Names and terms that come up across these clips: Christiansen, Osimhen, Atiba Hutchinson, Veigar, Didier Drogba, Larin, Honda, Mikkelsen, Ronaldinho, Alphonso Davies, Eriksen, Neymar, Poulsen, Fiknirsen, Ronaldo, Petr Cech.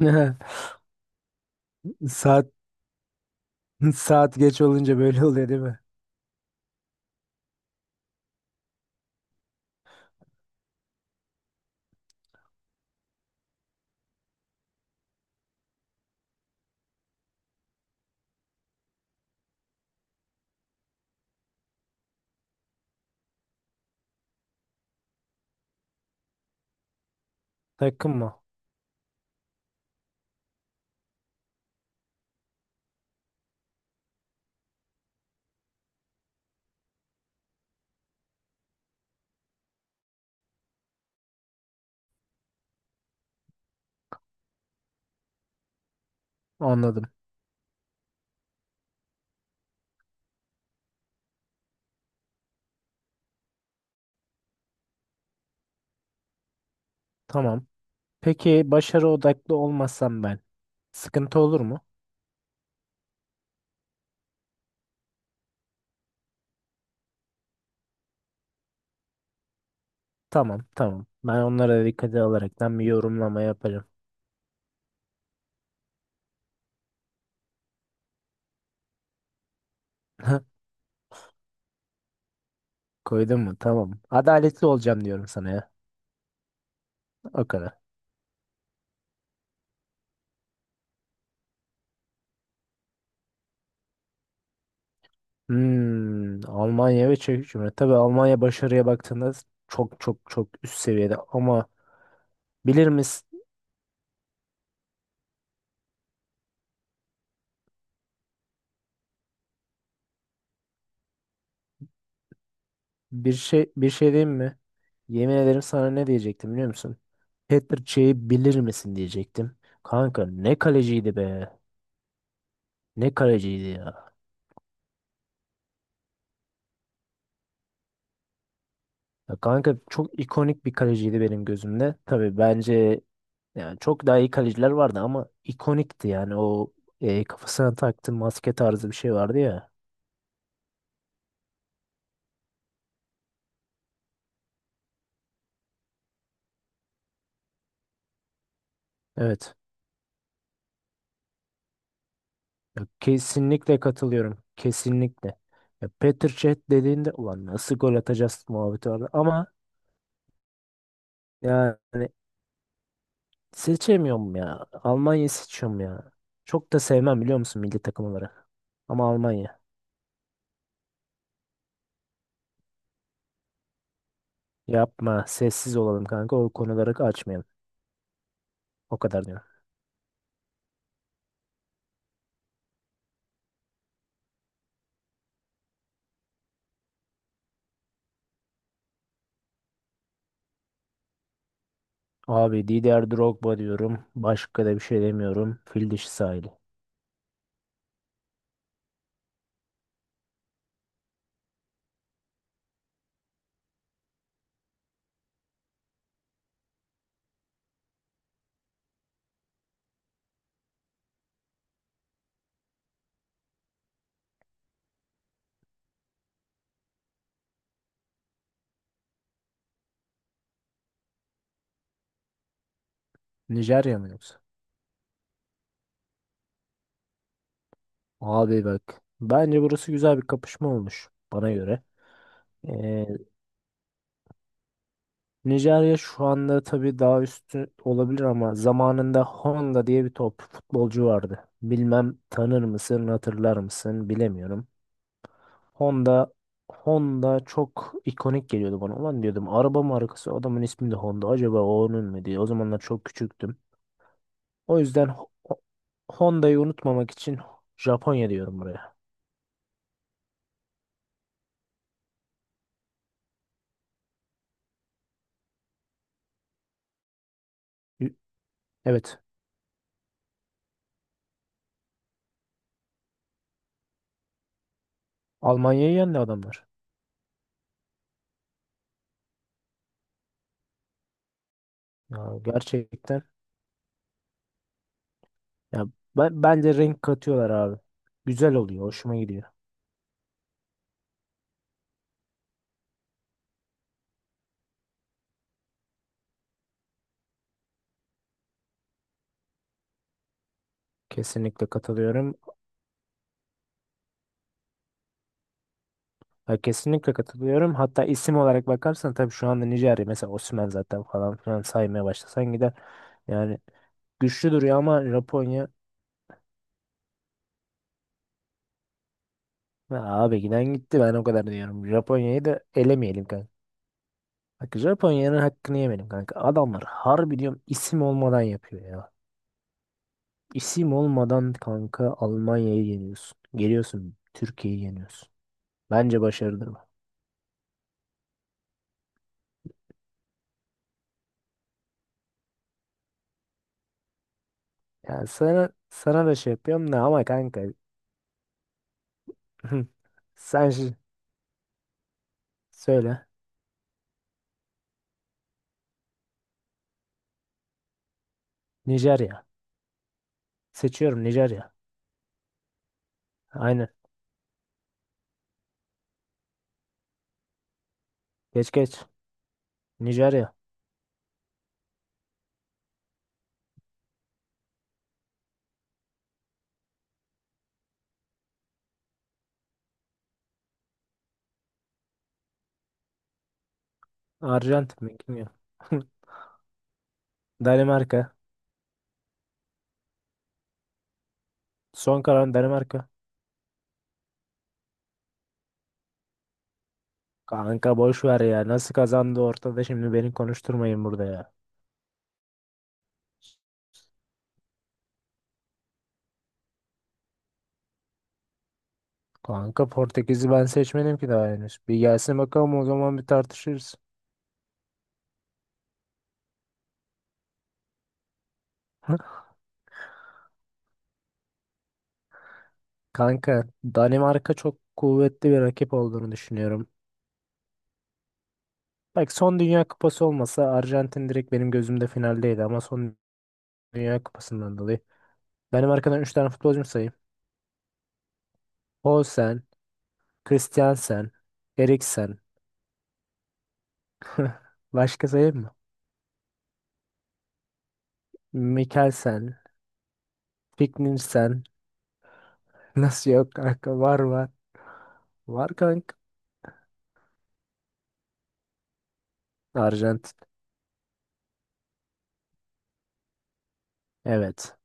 Saat saat geç olunca böyle oluyor değil mi? Takım mı? Anladım. Tamam. Peki başarı odaklı olmasam ben sıkıntı olur mu? Tamam, tamam. Ben onlara dikkate alaraktan bir yorumlama yaparım. Koydun mu? Tamam. Adaletli olacağım diyorum sana ya. O kadar. Hmm, Almanya ve Çek Cumhuriyeti. Tabii Almanya başarıya baktığında çok çok çok üst seviyede ama bilir misin? Bir şey diyeyim mi? Yemin ederim sana ne diyecektim biliyor musun? Petr Çey'i bilir misin diyecektim. Kanka ne kaleciydi be. Ne kaleciydi ya. Ya kanka çok ikonik bir kaleciydi benim gözümde. Tabii bence yani çok daha iyi kaleciler vardı ama ikonikti yani o kafasına taktığı maske tarzı bir şey vardı ya. Evet. Ya kesinlikle katılıyorum. Kesinlikle. Ya Petr Cech dediğinde ulan nasıl gol atacağız muhabbeti vardı ama yani seçemiyorum ya. Almanya'yı seçiyorum ya. Çok da sevmem biliyor musun milli takım olarak. Ama Almanya. Yapma. Sessiz olalım kanka. O konuları açmayalım. O kadar diyorum. Abi Didier Drogba diyorum. Başka da bir şey demiyorum. Fil dişi sahili. Nijerya mı yoksa? Abi bak. Bence burası güzel bir kapışma olmuş. Bana göre. Ee, Nijerya şu anda tabii daha üstü olabilir ama zamanında Honda diye bir top futbolcu vardı. Bilmem tanır mısın, hatırlar mısın bilemiyorum. Honda Honda çok ikonik geliyordu bana. Ulan diyordum araba markası adamın ismi de Honda. Acaba o onun mu diye. O zamanlar çok küçüktüm. O yüzden Honda'yı unutmamak için Japonya diyorum buraya. Y- Evet. Almanya'yı yendi adamlar. Ya gerçekten. Ya ben, bence renk katıyorlar abi. Güzel oluyor. Hoşuma gidiyor. Kesinlikle katılıyorum. Ya kesinlikle katılıyorum. Hatta isim olarak bakarsan tabii şu anda Nijerya mesela Osimhen zaten falan filan saymaya başlasan gider. Yani güçlü duruyor ama Japonya. Ya abi giden gitti ben o kadar diyorum. Japonya'yı da elemeyelim kanka. Bak Japonya'nın hakkını yemeyelim kanka. Adamlar harbi diyorum isim olmadan yapıyor ya. İsim olmadan kanka Almanya'yı yeniyorsun. Geliyorsun Türkiye'yi yeniyorsun. Bence başarıdır bu. Yani sana da şey yapıyorum da ama kanka sen şi- söyle. Nijerya. Seçiyorum Nijerya. Aynen. Geç geç. Nijerya. Arjantin mi? Kim ya? Danimarka. Son kalan Danimarka. Kanka boş ver ya. Nasıl kazandı ortada şimdi beni konuşturmayın burada ya. Kanka Portekiz'i ben seçmedim ki daha henüz. Bir gelsin bakalım o zaman bir tartışırız. Kanka Danimarka çok kuvvetli bir rakip olduğunu düşünüyorum. Bak son Dünya Kupası olmasa Arjantin direkt benim gözümde finaldeydi ama son Dünya Kupası'ndan dolayı. Danimarka'dan 3 tane futbolcum sayayım. Poulsen, Christiansen, Eriksen. Başka sayayım mı? Mikkelsen, Fiknirsen, nasıl yok kanka? Var var. Var kanka. Arjantin. Evet.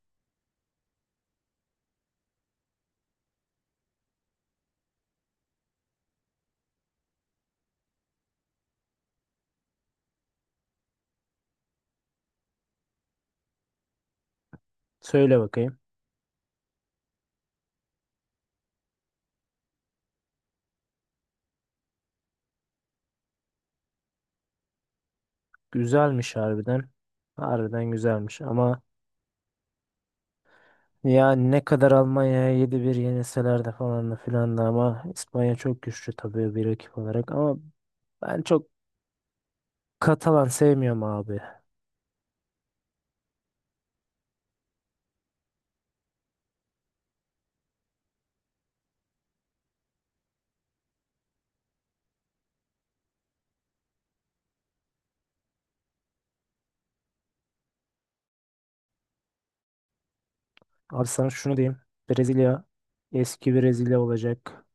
Söyle bakayım. Güzelmiş harbiden. Harbiden güzelmiş ama ya ne kadar Almanya'ya 7-1 yenilseler de falan da filan da ama İspanya çok güçlü tabii bir rakip olarak ama ben çok Katalan sevmiyorum abi. Abi sana şunu diyeyim. Brezilya eski Brezilya olacak.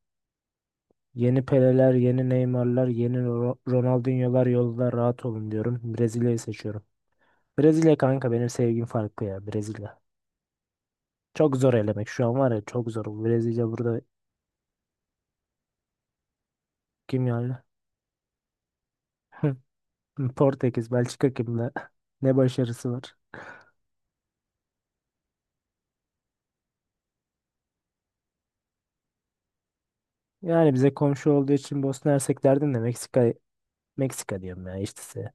Yeni Peleler, yeni Neymar'lar, yeni Ronaldinho'lar yolda rahat olun diyorum. Brezilya'yı seçiyorum. Brezilya kanka benim sevgim farklı ya Brezilya. Çok zor elemek şu an var ya çok zor. Brezilya burada kim yani? Portekiz, Belçika kimle? Ne başarısı var? Yani bize komşu olduğu için Bosna Hersek derdim de Meksika diyorum ya işte size.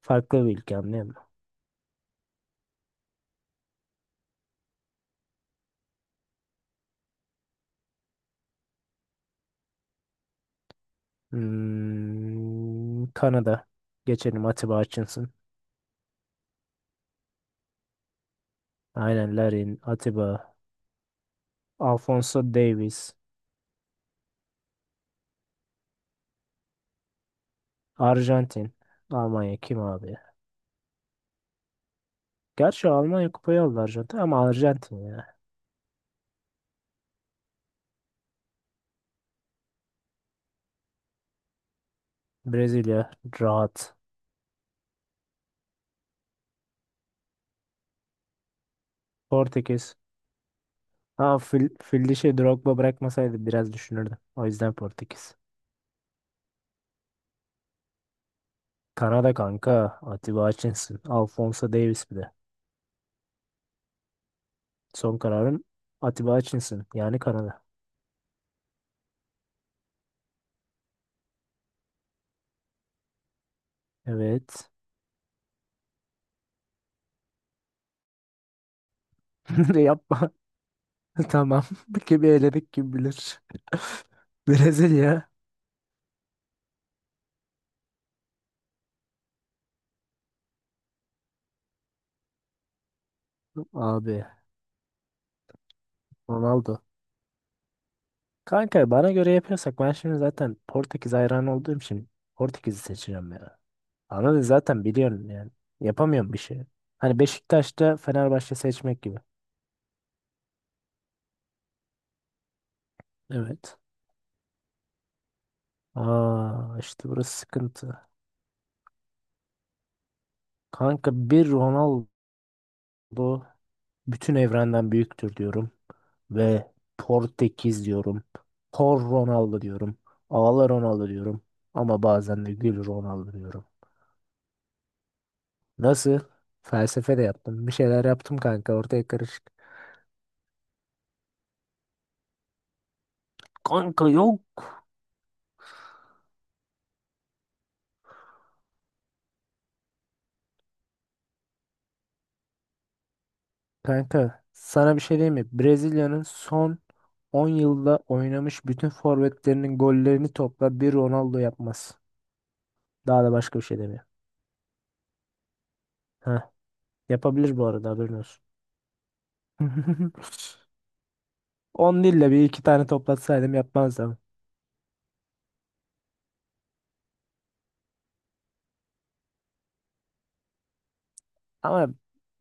Farklı bir ülke anlıyor musun? Hmm, Kanada. Geçelim Atiba Hutchinson. Aynen Larin, Atiba, Alfonso Davies, Arjantin. Almanya kim abi? Gerçi Almanya kupayı aldı Arjantin ama Arjantin ya. Brezilya rahat. Portekiz. Ha Fildişi Drogba bırakmasaydı biraz düşünürdüm. O yüzden Portekiz. Kanada kanka. Atiba Hutchinson. Alphonso Davies bir de. Son kararım Atiba Hutchinson. Yani Kanada. Evet. Yapma. Tamam. Kimi eledik kim bilir. Brezilya. Abi. Ronaldo. Kanka bana göre yapıyorsak ben şimdi zaten Portekiz hayranı olduğum için Portekiz'i seçeceğim ya. Ama zaten biliyorum yani. Yapamıyorum bir şey. Hani Beşiktaş'ta Fenerbahçe seçmek gibi. Evet. Aa işte burası sıkıntı. Kanka bir Ronaldo bütün evrenden büyüktür diyorum. Ve Portekiz diyorum. Por Ronaldo diyorum. Ağla Ronaldo diyorum. Ama bazen de gül Ronaldo diyorum. Nasıl? Felsefe de yaptım. Bir şeyler yaptım kanka. Ortaya karışık. Kanka yok. Kanka sana bir şey diyeyim mi? Brezilya'nın son 10 yılda oynamış bütün forvetlerinin gollerini topla bir Ronaldo yapmaz. Daha da başka bir şey demiyor. Heh, yapabilir bu arada haberin olsun. 10 değil de bir iki tane toplatsaydım yapmazdım. Ama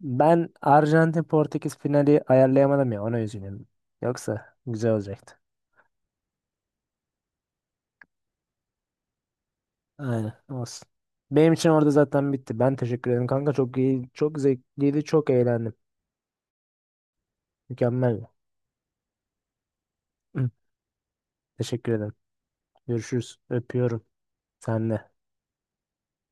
ben Arjantin Portekiz finali ayarlayamadım ya ona üzülüyorum. Yoksa güzel olacaktı. Aynen olsun. Benim için orada zaten bitti. Ben teşekkür ederim kanka. Çok iyi, çok zevkliydi, çok eğlendim. Mükemmel. Teşekkür ederim. Görüşürüz. Öpüyorum. Sen de.